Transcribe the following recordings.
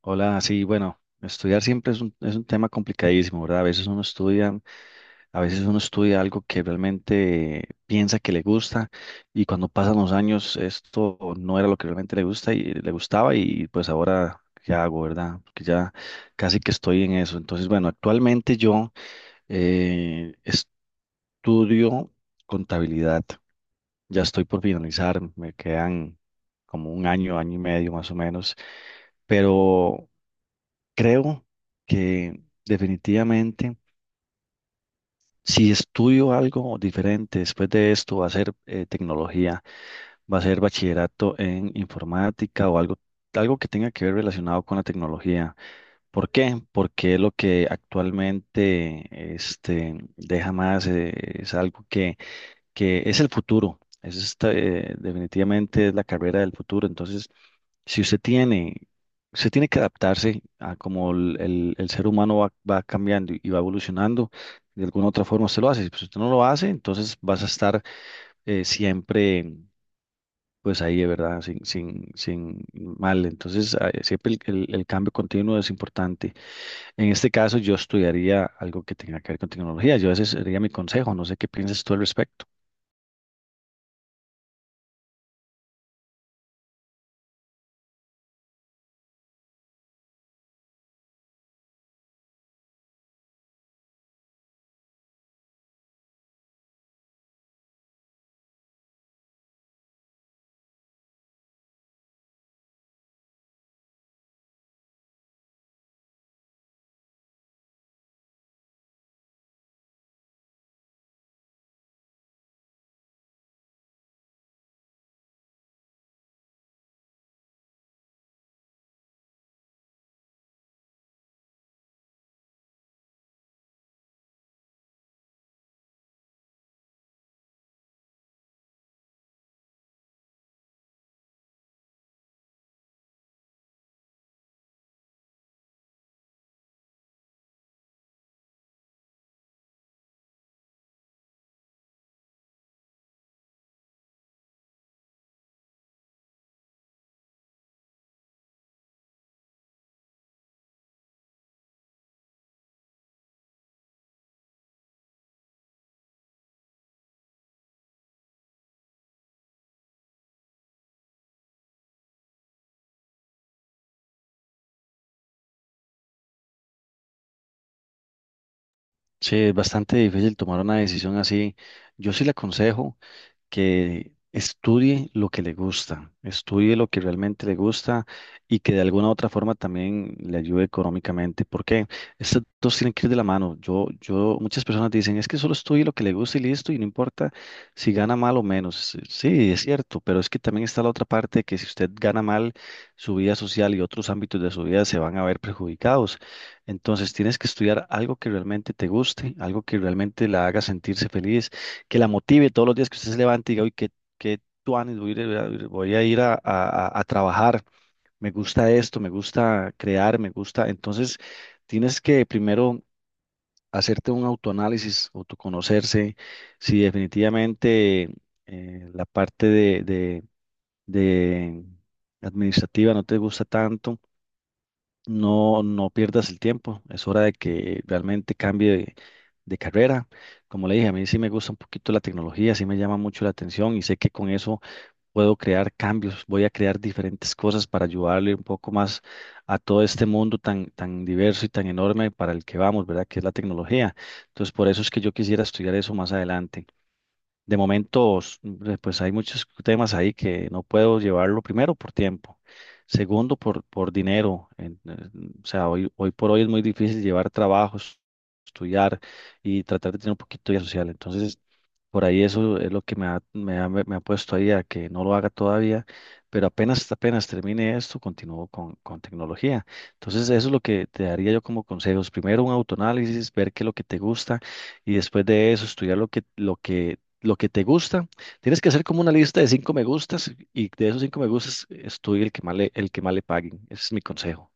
Hola, sí, bueno, estudiar siempre es un tema complicadísimo, ¿verdad? A veces uno estudia algo que realmente piensa que le gusta y cuando pasan los años esto no era lo que realmente le gusta y le gustaba y pues ahora qué hago, ¿verdad? Porque ya casi que estoy en eso. Entonces, bueno, actualmente yo eh, estudio contabilidad. Ya estoy por finalizar, me quedan como un año, año y medio más o menos, pero creo que definitivamente si estudio algo diferente después de esto, va a ser tecnología, va a ser bachillerato en informática o algo, algo que tenga que ver relacionado con la tecnología. ¿Por qué? Porque es lo que actualmente este, deja más, es algo que es el futuro. Es esta, definitivamente es la carrera del futuro. Entonces, si usted tiene, usted tiene que adaptarse a cómo el ser humano va cambiando y va evolucionando de alguna otra forma usted lo hace. Si pues, usted no lo hace, entonces vas a estar siempre pues ahí de verdad, sin mal. Entonces, siempre el cambio continuo es importante. En este caso, yo estudiaría algo que tenga que ver con tecnología. Yo ese sería mi consejo. No sé qué piensas tú al respecto. Sí, es bastante difícil tomar una decisión así. Yo sí le aconsejo que estudie lo que le gusta, estudie lo que realmente le gusta y que de alguna u otra forma también le ayude económicamente, porque estos dos tienen que ir de la mano. Muchas personas dicen, es que solo estudie lo que le gusta y listo, y no importa si gana mal o menos. Sí, es cierto, pero es que también está la otra parte que si usted gana mal, su vida social y otros ámbitos de su vida se van a ver perjudicados. Entonces tienes que estudiar algo que realmente te guste, algo que realmente la haga sentirse feliz, que la motive todos los días, que usted se levante y diga, uy, qué, qué tuanes, voy a ir, voy a ir voy a ir a, a trabajar, me gusta esto, me gusta crear, me gusta. Entonces, tienes que primero hacerte un autoanálisis, autoconocerse, si definitivamente la parte de administrativa no te gusta tanto, no, no pierdas el tiempo, es hora de que realmente cambie de carrera. Como le dije, a mí sí me gusta un poquito la tecnología, sí me llama mucho la atención y sé que con eso puedo crear cambios, voy a crear diferentes cosas para ayudarle un poco más a todo este mundo tan, tan diverso y tan enorme para el que vamos, ¿verdad? Que es la tecnología. Entonces, por eso es que yo quisiera estudiar eso más adelante. De momentos, pues hay muchos temas ahí que no puedo llevarlo primero por tiempo, segundo por dinero. O sea, hoy por hoy es muy difícil llevar trabajos, estudiar y tratar de tener un poquito de vida social. Entonces, por ahí eso es lo que me ha puesto ahí a que no lo haga todavía, pero apenas termine esto, continúo con tecnología. Entonces, eso es lo que te daría yo como consejos. Primero un autoanálisis, ver qué es lo que te gusta y después de eso estudiar lo que te gusta. Tienes que hacer como una lista de cinco me gustas y de esos cinco me gustas estudia el que más le, el que más le paguen. Ese es mi consejo.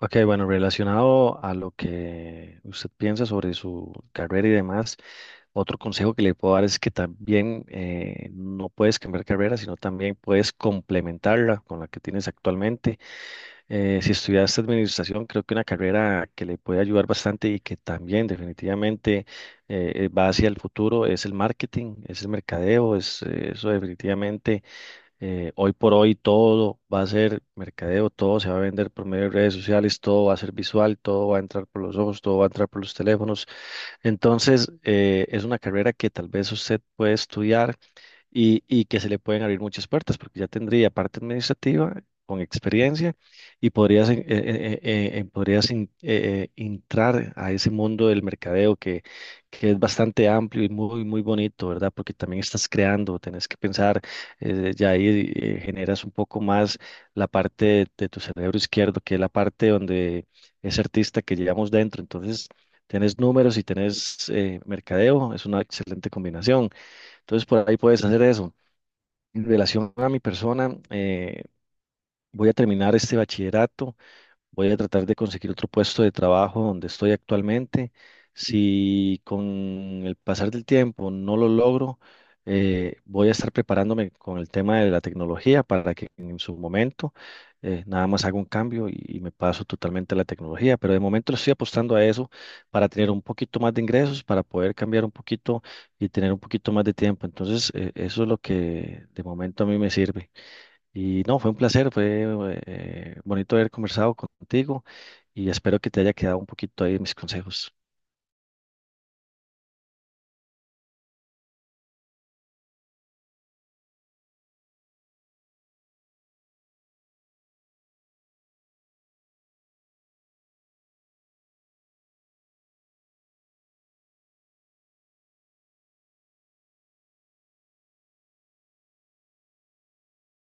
Ok, bueno, relacionado a lo que usted piensa sobre su carrera y demás, otro consejo que le puedo dar es que también no puedes cambiar carrera, sino también puedes complementarla con la que tienes actualmente. Si estudiaste administración, creo que una carrera que le puede ayudar bastante y que también definitivamente va hacia el futuro es el marketing, es el mercadeo, es eso definitivamente hoy por hoy todo va a ser mercadeo, todo se va a vender por medio de redes sociales, todo va a ser visual, todo va a entrar por los ojos, todo va a entrar por los teléfonos. Entonces, es una carrera que tal vez usted puede estudiar y que se le pueden abrir muchas puertas, porque ya tendría parte administrativa con experiencia y podrías, podrías entrar a ese mundo del mercadeo, que es bastante amplio y muy, muy bonito, ¿verdad? Porque también estás creando, tenés que pensar, ya ahí generas un poco más la parte de tu cerebro izquierdo, que es la parte donde es artista que llevamos dentro, entonces... Tenés números y tenés mercadeo, es una excelente combinación. Entonces, por ahí puedes hacer eso. En relación a mi persona, voy a terminar este bachillerato. Voy a tratar de conseguir otro puesto de trabajo donde estoy actualmente. Si con el pasar del tiempo no lo logro, voy a estar preparándome con el tema de la tecnología para que en su momento nada más haga un cambio y me paso totalmente a la tecnología. Pero de momento estoy apostando a eso para tener un poquito más de ingresos, para poder cambiar un poquito y tener un poquito más de tiempo. Entonces, eso es lo que de momento a mí me sirve. Y no, fue un placer, fue bonito haber conversado contigo y espero que te haya quedado un poquito ahí mis consejos.